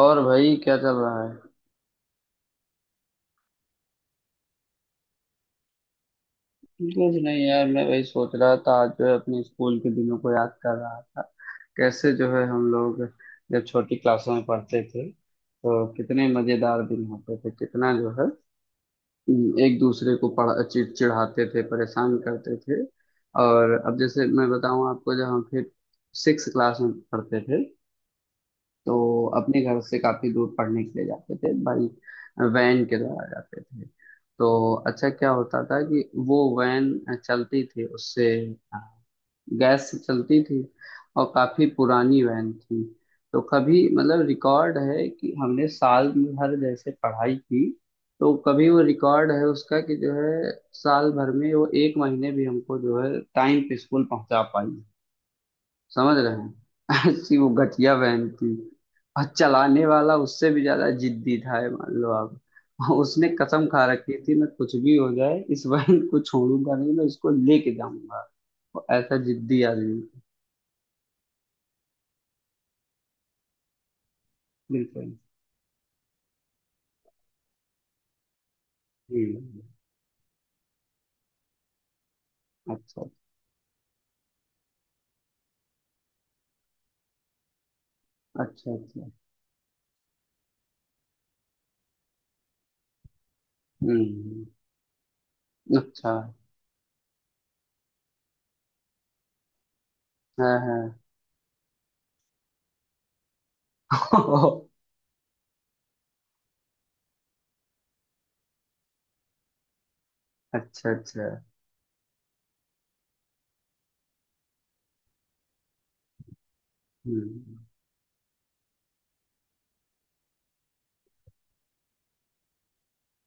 और भाई क्या चल रहा है? कुछ नहीं यार, मैं वही सोच रहा था। आज जो है अपने स्कूल के दिनों को याद कर रहा था। कैसे जो है हम लोग जब छोटी क्लासों में पढ़ते थे तो कितने मजेदार दिन होते थे। कितना जो है एक दूसरे को पढ़ चिढ़ाते थे, परेशान करते थे। और अब जैसे मैं बताऊं आपको, जब हम फिर सिक्स क्लास में पढ़ते थे तो अपने घर से काफी दूर पढ़ने के लिए जाते थे भाई। वैन के द्वारा जाते थे। तो अच्छा क्या होता था कि वो वैन चलती थी उससे अ, गैस से चलती थी और काफी पुरानी वैन थी। तो कभी मतलब रिकॉर्ड है कि हमने साल भर जैसे पढ़ाई की, तो कभी वो रिकॉर्ड है उसका कि जो है साल भर में वो एक महीने भी हमको जो है टाइम पे स्कूल पहुंचा पाई। समझ रहे हैं? ऐसी वो घटिया बहन थी। और चलाने वाला उससे भी ज्यादा जिद्दी था, ये मान लो आप। और उसने कसम खा रखी थी, मैं कुछ भी हो जाए इस बहन को छोड़ूंगा नहीं, मैं इसको लेके जाऊंगा। वो ऐसा जिद्दी आदमी था। बिल्कुल। हम्म। अच्छा अच्छा। अच्छा। हम्म हम्म। अच्छा। है है। अच्छा अच्छा। हम्म।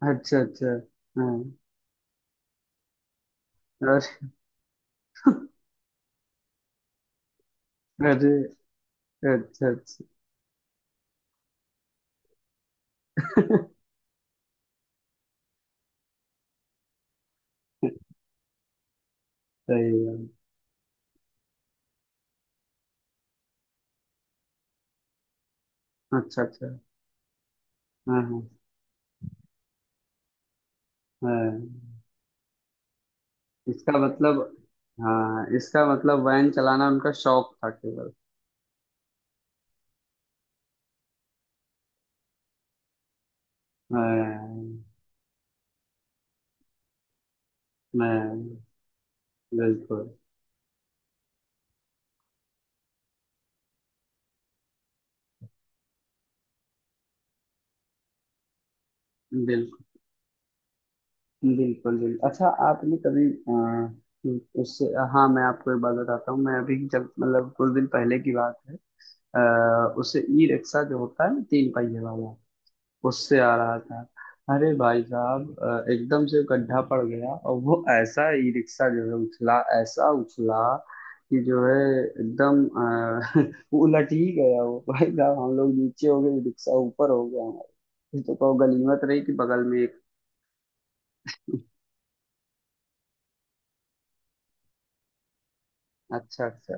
अच्छा अच्छा। हाँ। अरे। अरे अच्छा अच्छा। सही है। अच्छा अच्छा। हाँ हाँ। हाँ। इसका मतलब, हाँ इसका मतलब वैन चलाना उनका शौक था केवल। हाँ। हाँ। बिल्कुल बिल्कुल। बिल्कुल बिल्कुल। अच्छा, आपने कभी उससे। हाँ, मैं आपको एक बात बताता हूँ। मैं अभी जब मतलब कुछ दिन पहले की बात है, उससे ई रिक्शा जो होता है ना, तीन पहिए वाला, उससे आ रहा था। अरे भाई साहब एकदम से गड्ढा पड़ गया, और वो ऐसा ई रिक्शा जो है उछला, ऐसा उछला कि जो है एकदम वो उलट ही गया। वो भाई साहब हम लोग नीचे हो गए, ई रिक्शा ऊपर हो गया हमारा। ये तो कहो गनीमत रही कि बगल में एक। अच्छा अच्छा।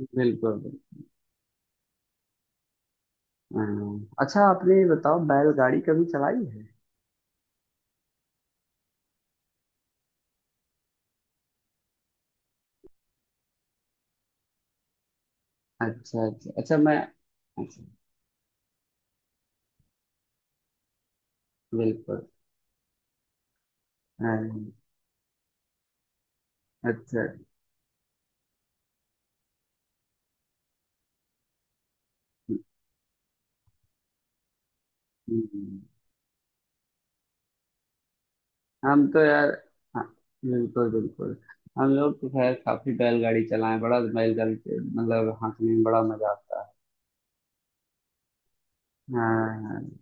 बिल्कुल बिल्कुल। हाँ। हाँ। अच्छा, आपने ये बताओ बैलगाड़ी कभी चलाई है? अच्छा अच्छा अच्छा मैं। अच्छा। बिल्कुल। हाँ, हाँ। अच्छा अच्छा। हम्म, हम्म। हम तो यार। हाँ। बिल्कुल बिल्कुल। हम लोग तो खैर काफी बैलगाड़ी चलाए। बड़ा बैलगाड़ी से मतलब हाँकने में बड़ा मजा आता है। हाँ हाँ।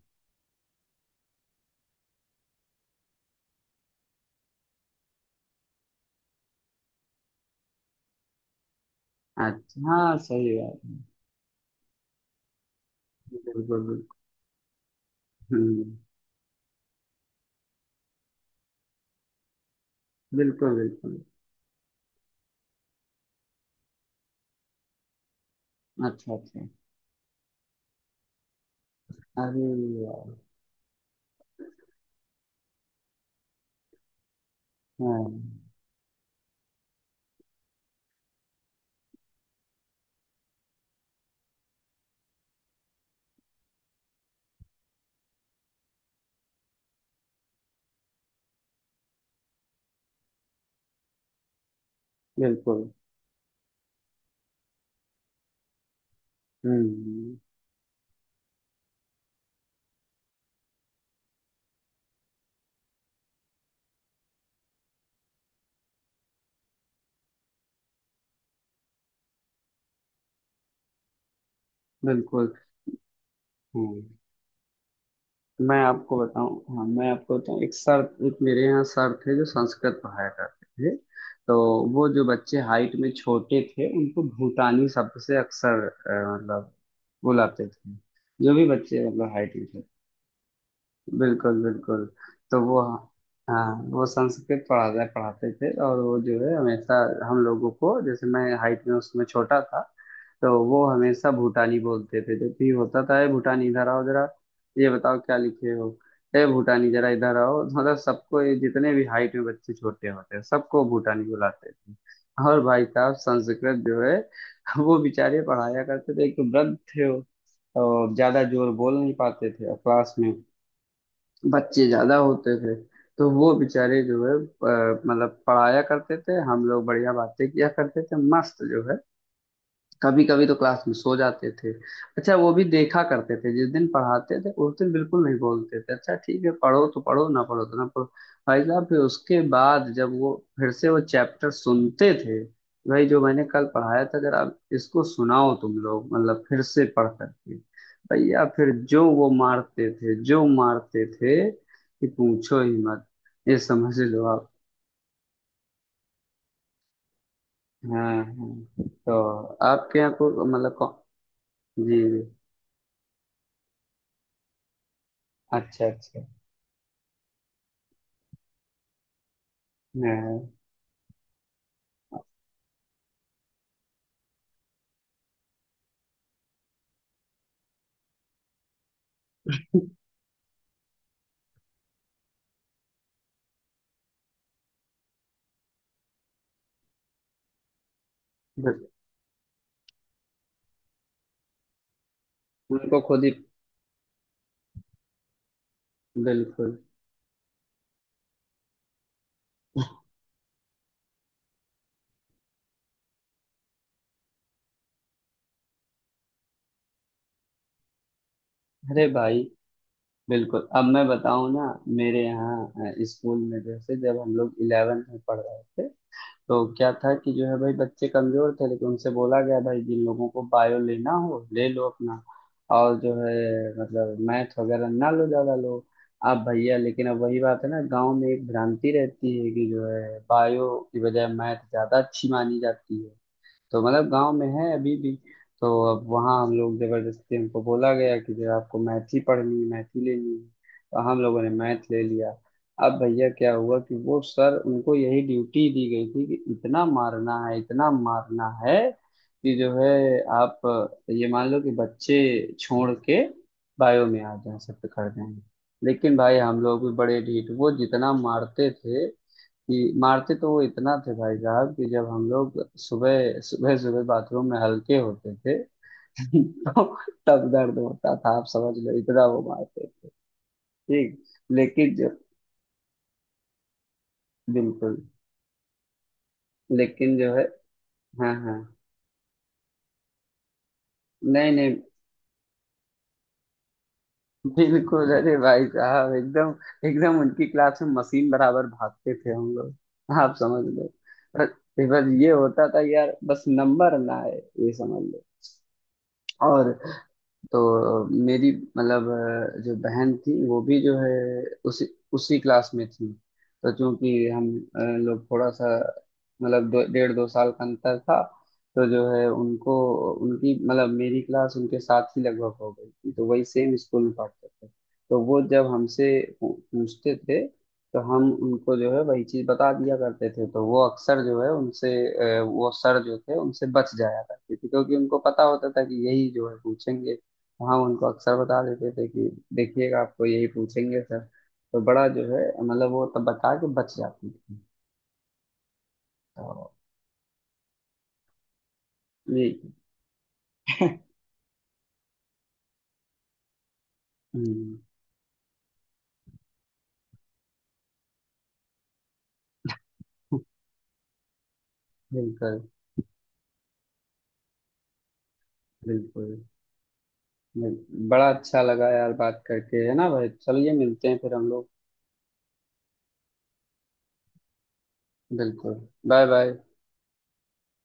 अच्छा, हाँ, सही बात। बिल्कुल बिल्कुल। हम्म। बिल्कुल बिल्कुल। अच्छा अच्छा। अरे यार। हाँ। बिल्कुल। हम्म। बिल्कुल। हम्म। मैं आपको बताऊं, हाँ मैं आपको बताऊं एक सर, एक मेरे यहाँ सर थे जो संस्कृत पढ़ाया करते थे। तो वो जो बच्चे हाइट में छोटे थे उनको भूटानी शब्द से अक्सर मतलब बुलाते थे। जो भी बच्चे मतलब हाइट में। बिल्कुल बिल्कुल। तो वो, हाँ, वो संस्कृत पढ़ाता पढ़ाते थे, और वो जो है हमेशा हम लोगों को, जैसे मैं हाइट में उसमें छोटा था, तो वो हमेशा भूटानी बोलते थे। जब भी होता था, "ए, भूटानी इधर आओ जरा, ये बताओ क्या लिखे हो। ए भूटानी जरा इधर आओ।" मतलब सबको, ये जितने भी हाइट में बच्चे छोटे होते हैं सबको भूटानी बुलाते थे। और भाई साहब संस्कृत जो है वो बेचारे पढ़ाया करते थे। एक तो वृद्ध थे वो, और ज्यादा जोर बोल नहीं पाते थे, और क्लास में बच्चे ज्यादा होते थे। तो वो बेचारे जो है मतलब पढ़ाया करते थे, हम लोग बढ़िया बातें किया करते थे मस्त जो है। कभी कभी तो क्लास में सो जाते थे। अच्छा वो भी देखा करते थे, जिस दिन पढ़ाते थे उस दिन बिल्कुल नहीं बोलते थे, अच्छा ठीक है, पढ़ो तो पढ़ो, ना पढ़ो तो ना पढ़ो। भाई साहब फिर उसके बाद जब वो फिर से वो चैप्टर सुनते थे, भाई जो मैंने कल पढ़ाया था अगर आप इसको सुनाओ तुम लोग मतलब फिर से पढ़ करके। भैया फिर जो वो मारते थे, जो मारते थे कि पूछो ही मत। ये समझ लो आप। हाँ हाँ। तो आपके यहाँ को मतलब जी जी। अच्छा अच्छा। हाँ, बस। उनको खुद ही। बिल्कुल। अरे भाई। बिल्कुल अब मैं बताऊं ना, मेरे यहाँ स्कूल में जैसे जब हम लोग इलेवेंथ में पढ़ रहे थे, तो क्या था कि जो है भाई बच्चे कमजोर थे, लेकिन उनसे बोला गया भाई जिन लोगों को बायो लेना हो ले लो अपना, और जो है मतलब मैथ वगैरह ना लो, ज्यादा लो। अब भैया लेकिन अब वही बात है ना, गांव में एक भ्रांति रहती है कि जो है बायो की बजाय मैथ ज्यादा अच्छी मानी जाती है। तो मतलब गांव में है अभी भी। तो अब वहाँ हम लोग, जबरदस्ती हमको बोला गया कि जो आपको मैथ ही पढ़नी है, मैथ ही लेनी है। तो हम लोगों ने मैथ ले लिया। अब भैया क्या हुआ कि वो सर, उनको यही ड्यूटी दी गई थी कि इतना मारना है, इतना मारना है कि जो है आप ये मान लो कि बच्चे छोड़ के बायो में आ जाएं, सब पकड़ दें। लेकिन भाई हम लोग भी बड़े ढीठ, वो जितना मारते थे, कि मारते तो वो इतना थे भाई साहब कि जब हम लोग सुबह सुबह सुबह बाथरूम में हल्के होते थे तो तब दर्द होता था, आप समझ लो इतना वो मारते थे। ठीक। लेकिन जो। बिल्कुल। लेकिन जो है। हाँ हाँ। नहीं नहीं। बिल्कुल अरे भाई साहब, एकदम एकदम उनकी क्लास में मशीन बराबर भागते थे हम लोग। आप समझ लो। बस, बस ये होता था यार, बस नंबर ना आए। ये समझ लो। और तो मेरी मतलब जो बहन थी वो भी जो है उसी उसी क्लास में थी। तो चूंकि हम लोग थोड़ा सा मतलब डेढ़ दो साल का अंतर था। तो जो है उनको, उनकी मतलब मेरी क्लास उनके साथ ही लगभग हो गई थी, तो वही सेम स्कूल में पढ़ते थे। तो वो जब हमसे पूछते थे तो हम उनको जो है वही चीज बता दिया करते थे। तो वो अक्सर जो है उनसे वो सर जो थे उनसे बच जाया करते थे, क्योंकि उनको पता होता था कि यही जो है पूछेंगे। हाँ, उनको अक्सर बता देते थे कि देखिएगा आपको यही पूछेंगे सर। तो बड़ा जो है मतलब वो तब बता के बच जाती थी। तो ये। हम्म, बिल्कुल बिल्कुल। बिल्कुल। बड़ा अच्छा लगा यार बात करके, है ना भाई? चलिए मिलते हैं फिर हम लोग। बिल्कुल। Bye bye.